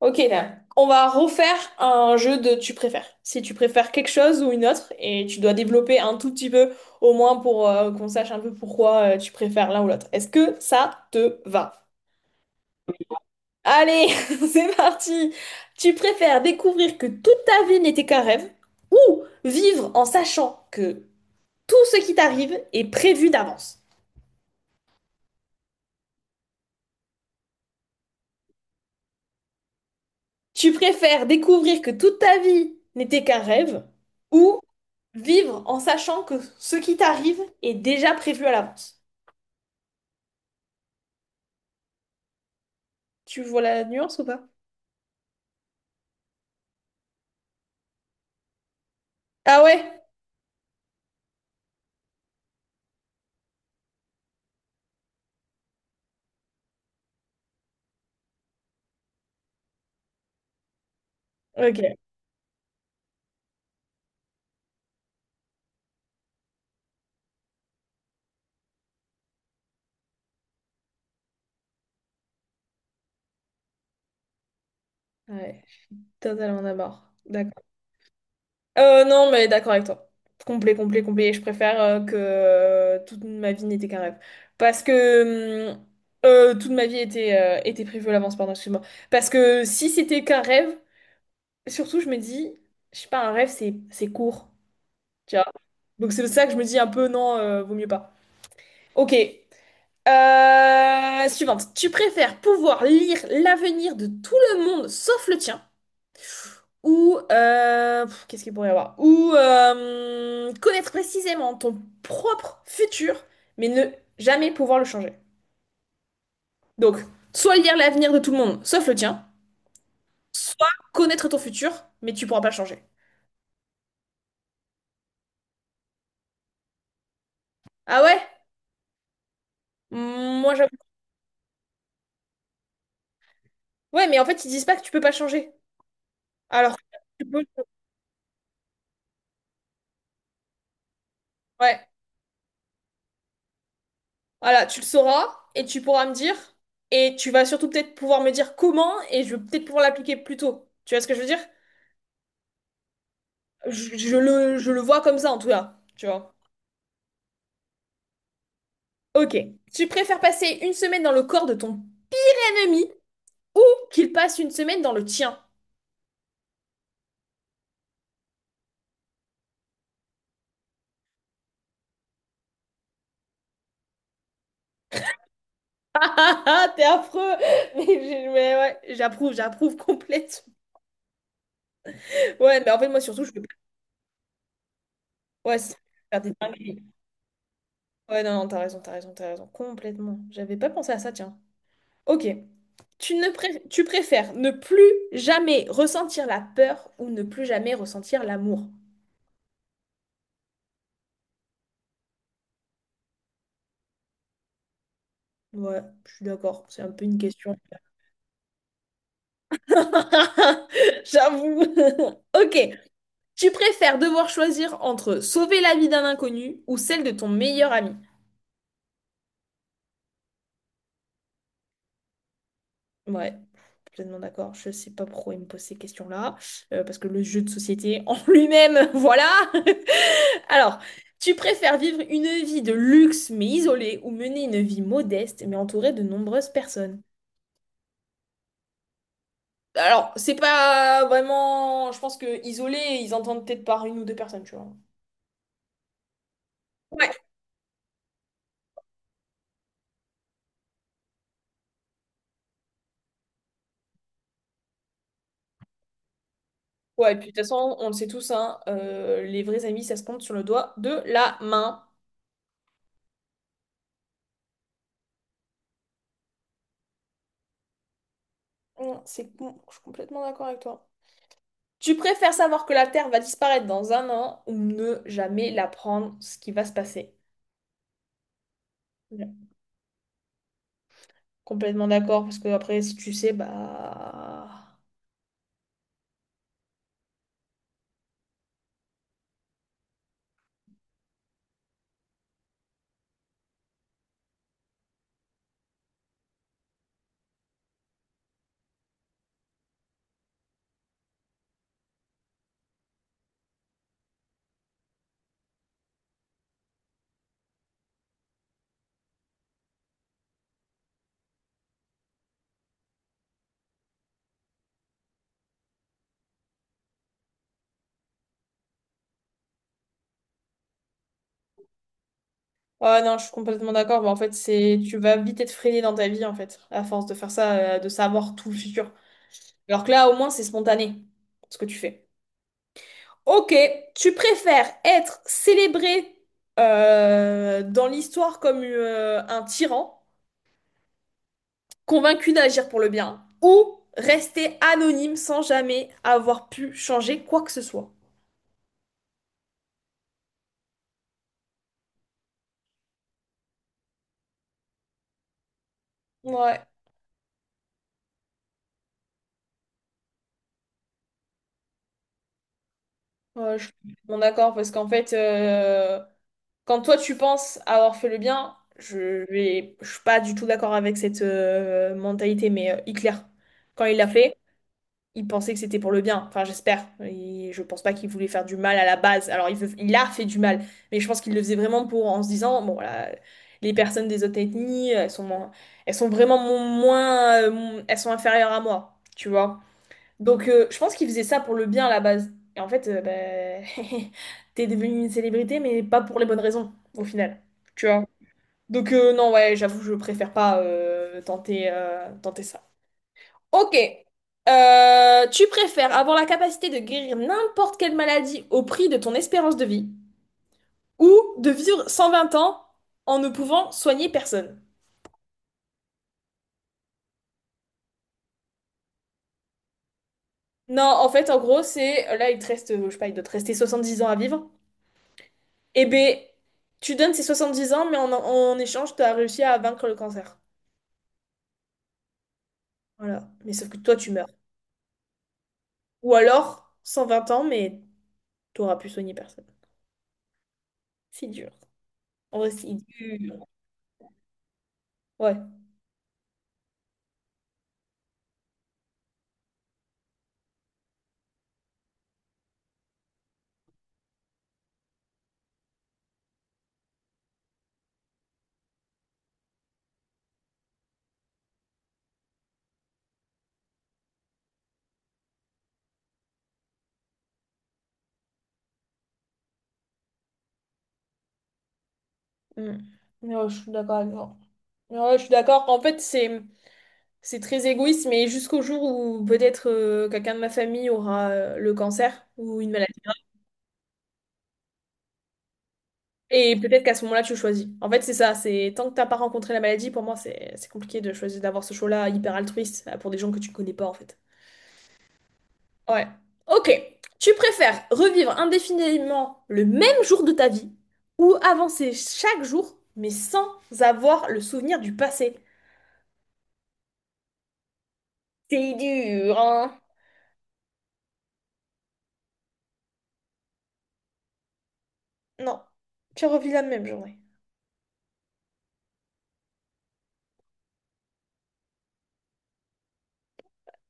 Ok, là. On va refaire un jeu de tu préfères. Si tu préfères quelque chose ou une autre, et tu dois développer un tout petit peu, au moins pour qu'on sache un peu pourquoi tu préfères l'un ou l'autre. Est-ce que ça te va? Allez, c'est parti! Tu préfères découvrir que toute ta vie n'était qu'un rêve, ou vivre en sachant que tout ce qui t'arrive est prévu d'avance? Tu préfères découvrir que toute ta vie n'était qu'un rêve ou vivre en sachant que ce qui t'arrive est déjà prévu à l'avance? Tu vois la nuance ou pas? Ah ouais? Ok. Ouais, je suis totalement d'accord. D'accord. Non, mais d'accord avec toi. Complet, complet, complet. Je préfère que toute ma vie n'était qu'un rêve. Parce que toute ma vie était, était prévue à l'avance, pardon, excuse-moi. Parce que si c'était qu'un rêve, surtout, je me dis, je sais pas, un rêve, c'est court. Tu vois. Donc c'est ça que je me dis un peu, non, vaut mieux pas. Ok. Suivante. Tu préfères pouvoir lire l'avenir de tout le monde sauf le tien ou qu'est-ce qu'il pourrait y avoir? Ou connaître précisément ton propre futur mais ne jamais pouvoir le changer. Donc, soit lire l'avenir de tout le monde sauf le tien, soit connaître ton futur mais tu pourras pas le changer. Ah ouais? Moi j'avoue. Ouais, mais en fait ils disent pas que tu peux pas changer. Alors, tu peux. Ouais. Voilà, tu le sauras et tu pourras me dire. Et tu vas surtout peut-être pouvoir me dire comment et je vais peut-être pouvoir l'appliquer plus tôt. Tu vois ce que je veux dire? Je le vois comme ça en tout cas. Tu vois? Ok. Tu préfères passer une semaine dans le corps de ton ennemi ou qu'il passe une semaine dans le tien? Ah ah, t'es affreux! Mais, mais ouais, j'approuve, j'approuve complètement. Ouais, mais en fait, moi surtout, je veux pas- ouais, c'est faire des dingueries. Ouais, non, non, t'as raison, t'as raison, t'as raison. Complètement. J'avais pas pensé à ça, tiens. Ok. Tu préfères ne plus jamais ressentir la peur ou ne plus jamais ressentir l'amour? Ouais, je suis d'accord, c'est un peu une question. J'avoue. Ok. Tu préfères devoir choisir entre sauver la vie d'un inconnu ou celle de ton meilleur ami? Ouais, complètement d'accord. Je sais pas pourquoi il me pose ces questions-là, parce que le jeu de société en lui-même, voilà. Alors, tu préfères vivre une vie de luxe mais isolée ou mener une vie modeste mais entourée de nombreuses personnes? Alors, c'est pas vraiment, je pense que isolé, ils entendent peut-être par une ou deux personnes, tu vois. Ouais. Ouais, et puis de toute façon, on le sait tous, hein, les vrais amis, ça se compte sur le doigt de la main. Non, c'est bon, je suis complètement d'accord avec toi. Tu préfères savoir que la Terre va disparaître dans un an ou ne jamais l'apprendre ce qui va se passer? Ouais. Complètement d'accord, parce que après, si tu sais, bah... Ouais, non, je suis complètement d'accord. Bah, en fait, c'est... Tu vas vite être freiné dans ta vie, en fait, à force de faire ça, de savoir tout le futur. Alors que là, au moins, c'est spontané, ce que tu fais. Ok, tu préfères être célébré dans l'histoire comme un tyran, convaincu d'agir pour le bien, ou rester anonyme sans jamais avoir pu changer quoi que ce soit. Ouais, ouais, je suis bon d'accord, parce qu'en fait, quand toi tu penses avoir fait le bien, je suis pas du tout d'accord avec cette mentalité, mais Hitler, quand il l'a fait, il pensait que c'était pour le bien. Enfin, j'espère. Et je pense pas qu'il voulait faire du mal à la base. Alors, il a fait du mal, mais je pense qu'il le faisait vraiment pour en se disant, bon, voilà, les personnes des autres ethnies, elles sont, moins- elles sont vraiment mo- moins, mon- elles sont inférieures à moi, tu vois. Donc, je pense qu'il faisait ça pour le bien à la base. Et en fait, ben, t'es devenu une célébrité, mais pas pour les bonnes raisons, au final, tu vois. Donc, non, ouais, j'avoue, je préfère pas tenter ça. Ok. Tu préfères avoir la capacité de guérir n'importe quelle maladie au prix de ton espérance de vie ou de vivre 120 ans en ne pouvant soigner personne? Non, en fait, en gros, c'est là, il te reste, je sais pas, il doit te rester 10 ans à vivre. Eh ben, tu donnes ces 70 ans, mais en échange, tu as réussi à vaincre le cancer. Voilà. Mais sauf que toi, tu meurs. Ou alors, 120 ans, mais t'auras pu soigner personne. C'est dur. En vrai, c'est dur. Ouais. Mm. Non, je suis d'accord avec toi. Ouais, je suis d'accord. En fait, c'est très égoïste, mais jusqu'au jour où peut-être quelqu'un de ma famille aura le cancer ou une maladie. Et peut-être qu'à ce moment-là, tu choisis. En fait, c'est ça. C'est tant que t'as pas rencontré la maladie, pour moi, c'est compliqué de choisir d'avoir ce choix-là hyper altruiste pour des gens que tu connais pas, en fait. Ouais. Ok. Tu préfères revivre indéfiniment le même jour de ta vie ou avancer chaque jour, mais sans avoir le souvenir du passé? C'est dur, hein? Non. Tu revis la même journée.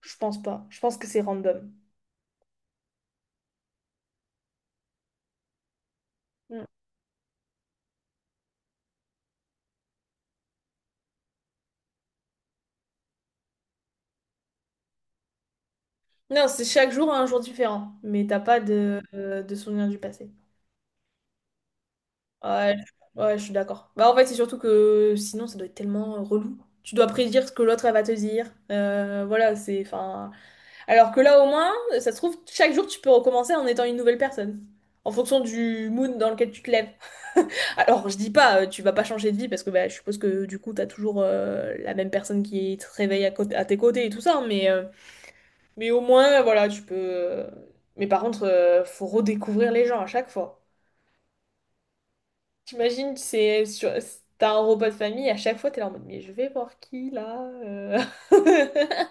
Je pense pas. Je pense que c'est random. Mm. Non, c'est chaque jour un jour différent, mais t'as pas de, de souvenirs du passé. Ouais, ouais, je suis d'accord. Bah en fait, c'est surtout que sinon, ça doit être tellement relou. Tu dois prédire ce que l'autre elle va te dire. Voilà, c'est enfin. Alors que là, au moins, ça se trouve, chaque jour, tu peux recommencer en étant une nouvelle personne, en fonction du mood dans lequel tu te lèves. Alors, je dis pas, tu vas pas changer de vie parce que bah, je suppose que du coup, t'as toujours la même personne qui te réveille à, à tes côtés et tout ça, mais mais au moins, voilà, tu peux. Mais par contre, faut redécouvrir les gens à chaque fois. T'imagines, c'est sur... t'as un repas de famille, à chaque fois, t'es là en mode, mais je vais voir qui là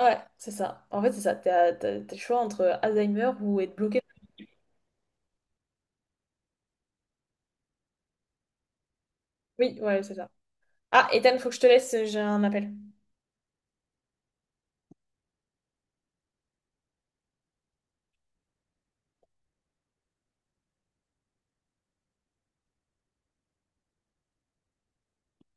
Ouais, c'est ça. En fait, c'est ça. T'as le choix entre Alzheimer ou être bloqué. Oui, ouais, c'est ça. Ah, Ethan, faut que je te laisse, j'ai un appel.